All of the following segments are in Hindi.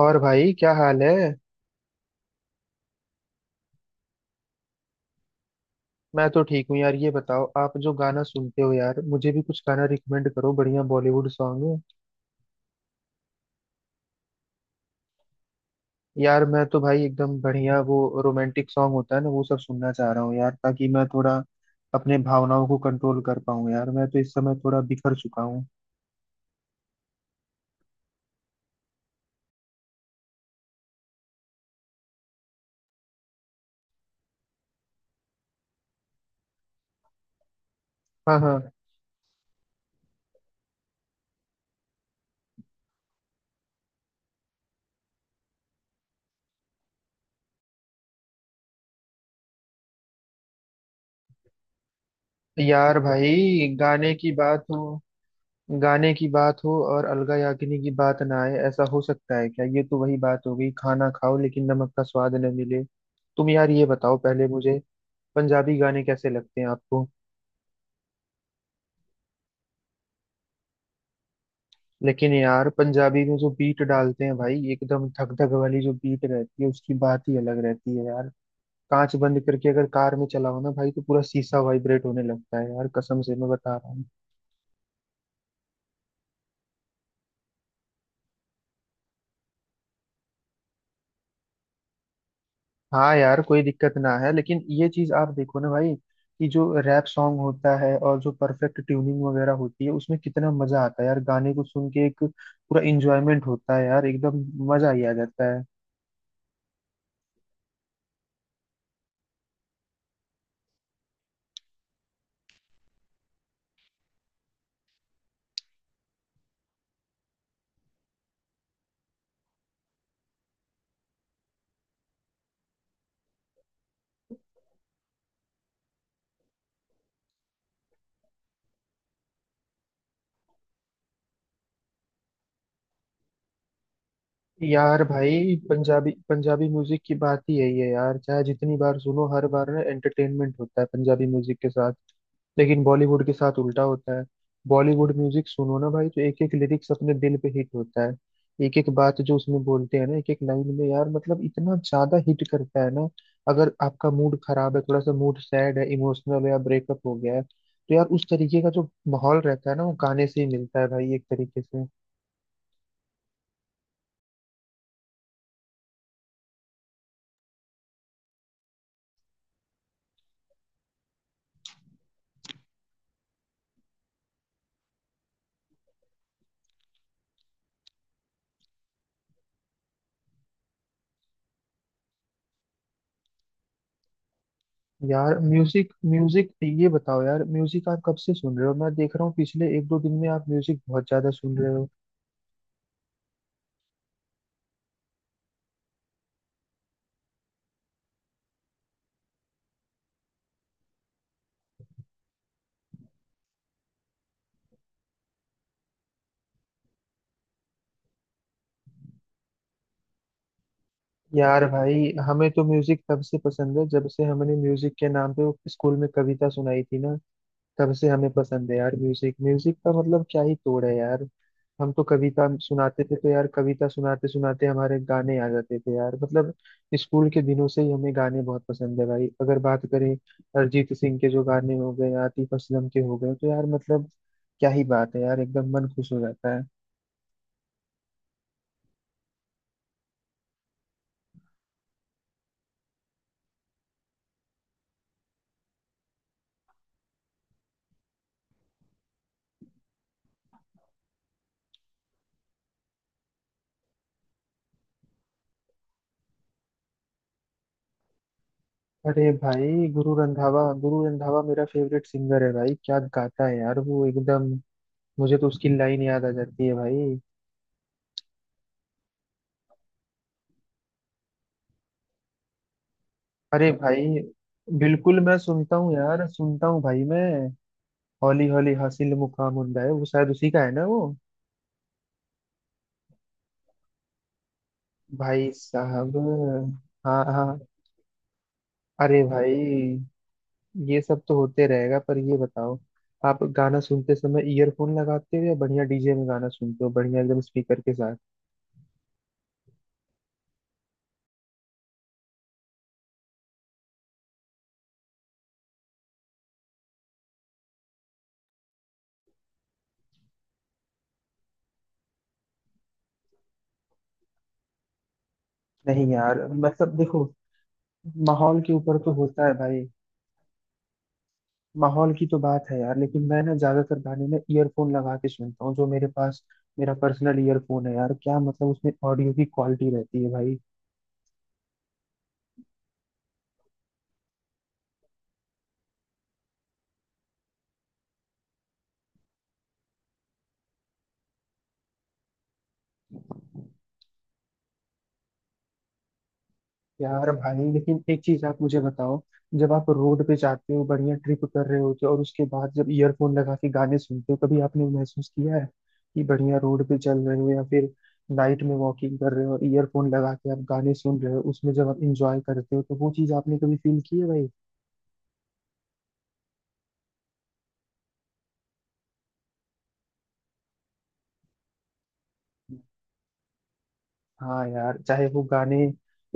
और भाई, क्या हाल है। मैं तो ठीक हूँ यार, ये बताओ, आप जो गाना सुनते हो यार, मुझे भी कुछ गाना रिकमेंड करो, बढ़िया बॉलीवुड सॉन्ग। यार मैं तो भाई एकदम बढ़िया वो रोमांटिक सॉन्ग होता है ना, वो सब सुनना चाह रहा हूँ यार, ताकि मैं थोड़ा अपने भावनाओं को कंट्रोल कर पाऊँ। यार मैं तो इस समय थोड़ा बिखर चुका हूँ। हाँ हाँ। यार भाई गाने की बात हो, गाने की बात हो और अलगा याग्निक की बात ना आए, ऐसा हो सकता है क्या। ये तो वही बात हो गई, खाना खाओ लेकिन नमक का स्वाद न मिले। तुम यार ये बताओ पहले मुझे, पंजाबी गाने कैसे लगते हैं आपको। लेकिन यार पंजाबी में जो बीट डालते हैं भाई, एकदम धक धक वाली जो बीट रहती है, उसकी बात ही अलग रहती है यार। कांच बंद करके अगर कार में चलाओ ना भाई, तो पूरा शीशा वाइब्रेट होने लगता है यार, कसम से मैं बता रहा हूँ। हाँ यार कोई दिक्कत ना है, लेकिन ये चीज आप देखो ना भाई, कि जो रैप सॉन्ग होता है और जो परफेक्ट ट्यूनिंग वगैरह होती है उसमें कितना मजा आता है यार, गाने को सुन के एक पूरा इंजॉयमेंट होता है यार, एकदम मजा ही आ जाता है। यार भाई पंजाबी पंजाबी म्यूजिक की बात ही यही है यार, चाहे जितनी बार सुनो हर बार ना एंटरटेनमेंट होता है पंजाबी म्यूजिक के साथ। लेकिन बॉलीवुड के साथ उल्टा होता है। बॉलीवुड म्यूजिक सुनो ना भाई, तो एक एक लिरिक्स अपने दिल पे हिट होता है। एक एक बात जो उसमें बोलते हैं ना एक एक लाइन में यार, मतलब इतना ज्यादा हिट करता है ना। अगर आपका मूड खराब है, थोड़ा सा मूड सैड है, इमोशनल है या ब्रेकअप हो गया है, तो यार उस तरीके का जो माहौल रहता है ना, वो गाने से ही मिलता है भाई, एक तरीके से। यार म्यूजिक म्यूजिक ये बताओ, यार म्यूजिक आप कब से सुन रहे हो, मैं देख रहा हूँ पिछले एक दो दिन में आप म्यूजिक बहुत ज्यादा सुन रहे हो। यार भाई हमें तो म्यूजिक तब से पसंद है जब से हमने म्यूजिक के नाम पे वो स्कूल में कविता सुनाई थी ना, तब से हमें पसंद है यार। म्यूजिक म्यूजिक का मतलब क्या ही तोड़ है यार। हम तो कविता सुनाते थे, तो यार कविता सुनाते सुनाते हमारे गाने आ जाते थे यार, मतलब स्कूल के दिनों से ही हमें गाने बहुत पसंद है भाई। अगर बात करें अरिजीत सिंह के, जो गाने हो गए आतिफ असलम के हो गए, तो यार मतलब क्या ही बात है यार, एकदम मन खुश हो जाता है। अरे भाई, गुरु रंधावा, गुरु रंधावा मेरा फेवरेट सिंगर है भाई, क्या गाता है यार वो एकदम। मुझे तो उसकी लाइन याद आ जाती है भाई। अरे भाई, बिल्कुल मैं सुनता हूँ यार, सुनता हूँ भाई मैं। हौली हौली हासिल मुकाम उन्दा है, वो शायद उसी का है ना वो। भाई साहब, हाँ हाँ। अरे भाई, ये सब तो होते रहेगा, पर ये बताओ, आप गाना सुनते समय ईयरफोन लगाते हो, या बढ़िया डीजे में गाना सुनते हो, बढ़िया एकदम स्पीकर के साथ। नहीं यार, मतलब देखो, माहौल के ऊपर तो होता है भाई। माहौल की तो बात है यार, लेकिन मैं ना ज्यादातर गाने में ईयरफोन लगा के सुनता हूँ, जो मेरे पास मेरा पर्सनल ईयरफोन है यार, क्या मतलब उसमें ऑडियो की क्वालिटी रहती है भाई। यार भाई, लेकिन एक चीज आप मुझे बताओ, जब आप रोड पे जाते हो, बढ़िया ट्रिप कर रहे होते हो, और उसके बाद जब ईयरफोन लगा के गाने सुनते हो, कभी आपने महसूस किया है, कि बढ़िया रोड पे चल रहे हो या फिर नाइट में वॉकिंग कर रहे हो और ईयरफोन लगा के आप गाने सुन रहे हो, उसमें जब आप इंजॉय करते हो, तो वो चीज आपने कभी फील की है भाई। हाँ यार, चाहे वो गाने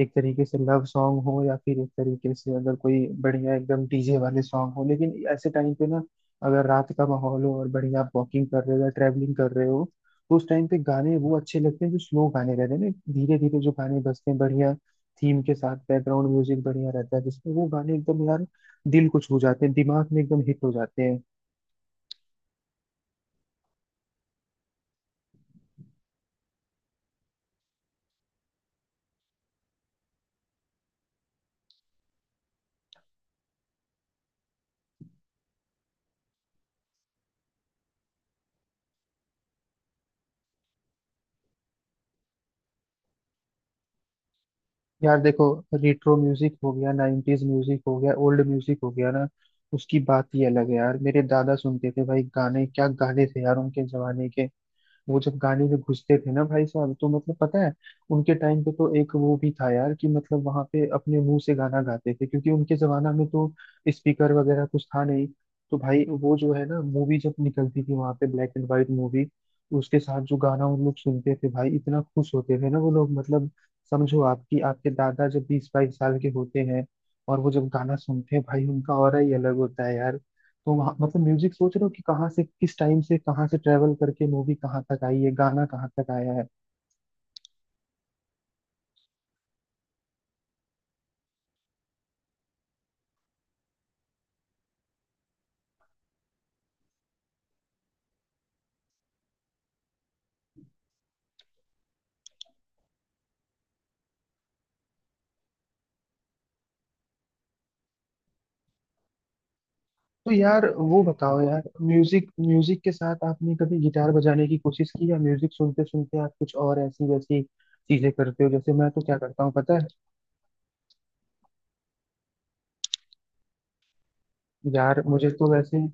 एक तरीके से लव सॉन्ग हो, या फिर एक तरीके से अगर कोई बढ़िया एकदम डीजे वाले सॉन्ग हो, लेकिन ऐसे टाइम पे ना, अगर रात का माहौल हो और बढ़िया आप वॉकिंग कर रहे हो या ट्रैवलिंग कर रहे हो, तो उस टाइम पे गाने वो अच्छे लगते हैं जो स्लो गाने रहते हैं ना, धीरे धीरे जो गाने बजते हैं, बढ़िया थीम के साथ बैकग्राउंड म्यूजिक बढ़िया रहता है, जिसमें वो गाने एकदम यार दिल को छू जाते हैं, दिमाग में एकदम हिट हो जाते हैं। यार देखो, रेट्रो म्यूजिक हो गया, नाइन्टीज म्यूजिक हो गया, ओल्ड म्यूजिक हो गया ना, उसकी बात ही अलग है यार। मेरे दादा सुनते थे भाई गाने, क्या गाने थे यार उनके जमाने के। वो जब गाने में घुसते थे ना भाई साहब, तो मतलब पता है, उनके टाइम पे तो एक वो भी था यार, कि मतलब वहां पे अपने मुंह से गाना गाते थे, क्योंकि उनके जमाना में तो स्पीकर वगैरह कुछ था नहीं। तो भाई वो जो है ना, मूवी जब निकलती थी वहां पे, ब्लैक एंड व्हाइट मूवी, उसके साथ जो गाना उन लोग सुनते थे भाई, इतना खुश होते थे ना वो लोग, मतलब समझो आपकी आपके दादा जब 20-22 साल के होते हैं, और वो जब गाना सुनते हैं भाई, उनका ऑरा ही अलग होता है यार। तो वहाँ मतलब म्यूजिक, सोच रहे हो कि कहाँ से, किस टाइम से कहाँ से ट्रेवल करके मूवी कहाँ तक आई है, गाना कहाँ तक आया है। तो यार वो बताओ यार, म्यूजिक म्यूजिक के साथ आपने कभी गिटार बजाने की कोशिश की, या म्यूजिक सुनते सुनते आप कुछ और ऐसी वैसी चीजें करते हो, जैसे मैं तो क्या करता हूँ पता है। यार मुझे तो वैसे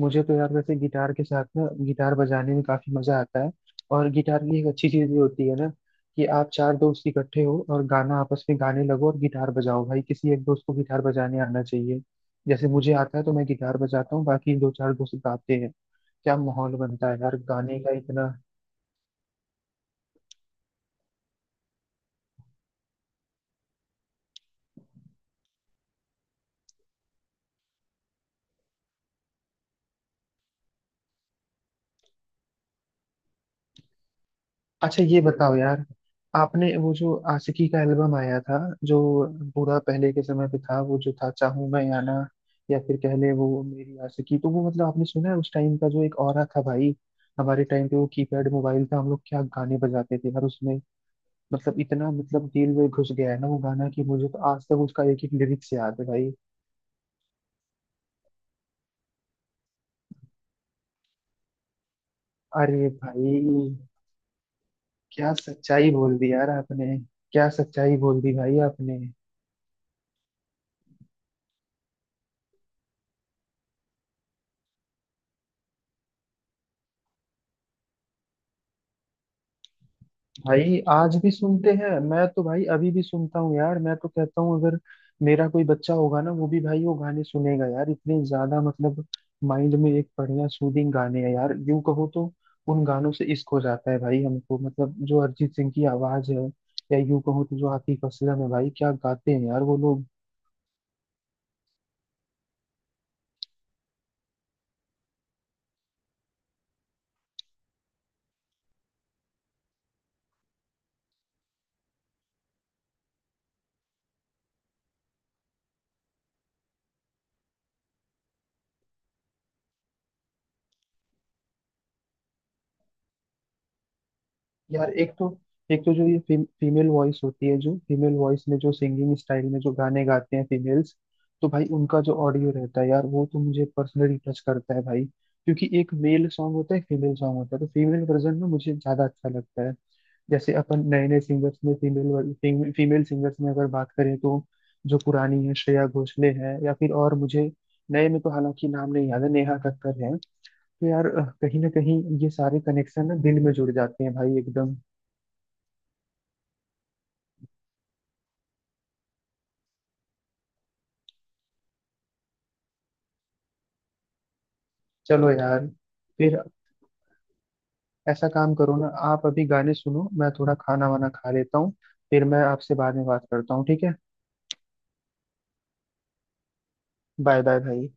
मुझे तो यार वैसे गिटार के साथ ना, गिटार बजाने में काफी मजा आता है। और गिटार की एक अच्छी चीज ये होती है ना, कि आप चार दोस्त इकट्ठे हो और गाना आपस में गाने लगो और गिटार बजाओ, भाई किसी एक दोस्त को गिटार बजाने आना चाहिए, जैसे मुझे आता है तो मैं गिटार बजाता हूँ, बाकी दो चार दोस्त गाते हैं, क्या माहौल बनता है यार गाने का, इतना। अच्छा ये बताओ यार, आपने वो जो आशिकी का एल्बम आया था जो पूरा पहले के समय पे था, वो जो था चाहूं मैं या ना, या फिर कह ले वो मेरी आशिकी, तो वो मतलब आपने सुना है, उस टाइम का जो एक ऑरा था भाई। हमारे टाइम पे वो कीपैड मोबाइल था, हम लोग क्या गाने बजाते थे यार उसमें, मतलब इतना, मतलब दिल में घुस गया है ना वो गाना, कि मुझे तो आज तक उसका एक एक लिरिक्स याद है भाई। अरे भाई, क्या सच्चाई बोल दी यार आपने, क्या सच्चाई बोल दी भाई आपने। भाई आज भी सुनते हैं, मैं तो भाई अभी भी सुनता हूँ यार, मैं तो कहता हूँ अगर मेरा कोई बच्चा होगा ना, वो भी भाई वो गाने सुनेगा यार, इतने ज्यादा मतलब माइंड में एक बढ़िया सूदिंग गाने हैं यार, यूं कहो तो उन गानों से इश्क हो जाता है भाई हमको, मतलब जो अरिजीत सिंह की आवाज है, या यूं कहो तो जो आतिफ असलम है भाई, क्या गाते हैं यार वो लोग। यार एक तो जो ये फीमेल वॉइस होती है, जो फीमेल वॉइस में जो सिंगिंग स्टाइल में जो गाने गाते हैं फीमेल्स, तो भाई उनका जो ऑडियो रहता है यार, वो तो मुझे पर्सनली टच करता है भाई, क्योंकि एक मेल सॉन्ग होता है, फीमेल सॉन्ग होता है, तो फीमेल वर्जन में मुझे ज्यादा अच्छा लगता है। जैसे अपन नए नए सिंगर्स में, फीमेल फीमेल सिंगर्स में अगर बात करें तो, जो पुरानी है श्रेया घोषाले हैं, या फिर और मुझे नए में, तो हालांकि नाम नहीं याद है, नेहा कक्कर हैं। तो यार कहीं ना कहीं ये सारे कनेक्शन ना दिल में जुड़ जाते हैं भाई एकदम। चलो यार, फिर ऐसा काम करो ना आप, अभी गाने सुनो, मैं थोड़ा खाना वाना खा लेता हूँ, फिर मैं आपसे बाद में बात करता हूँ, ठीक है। बाय बाय भाई।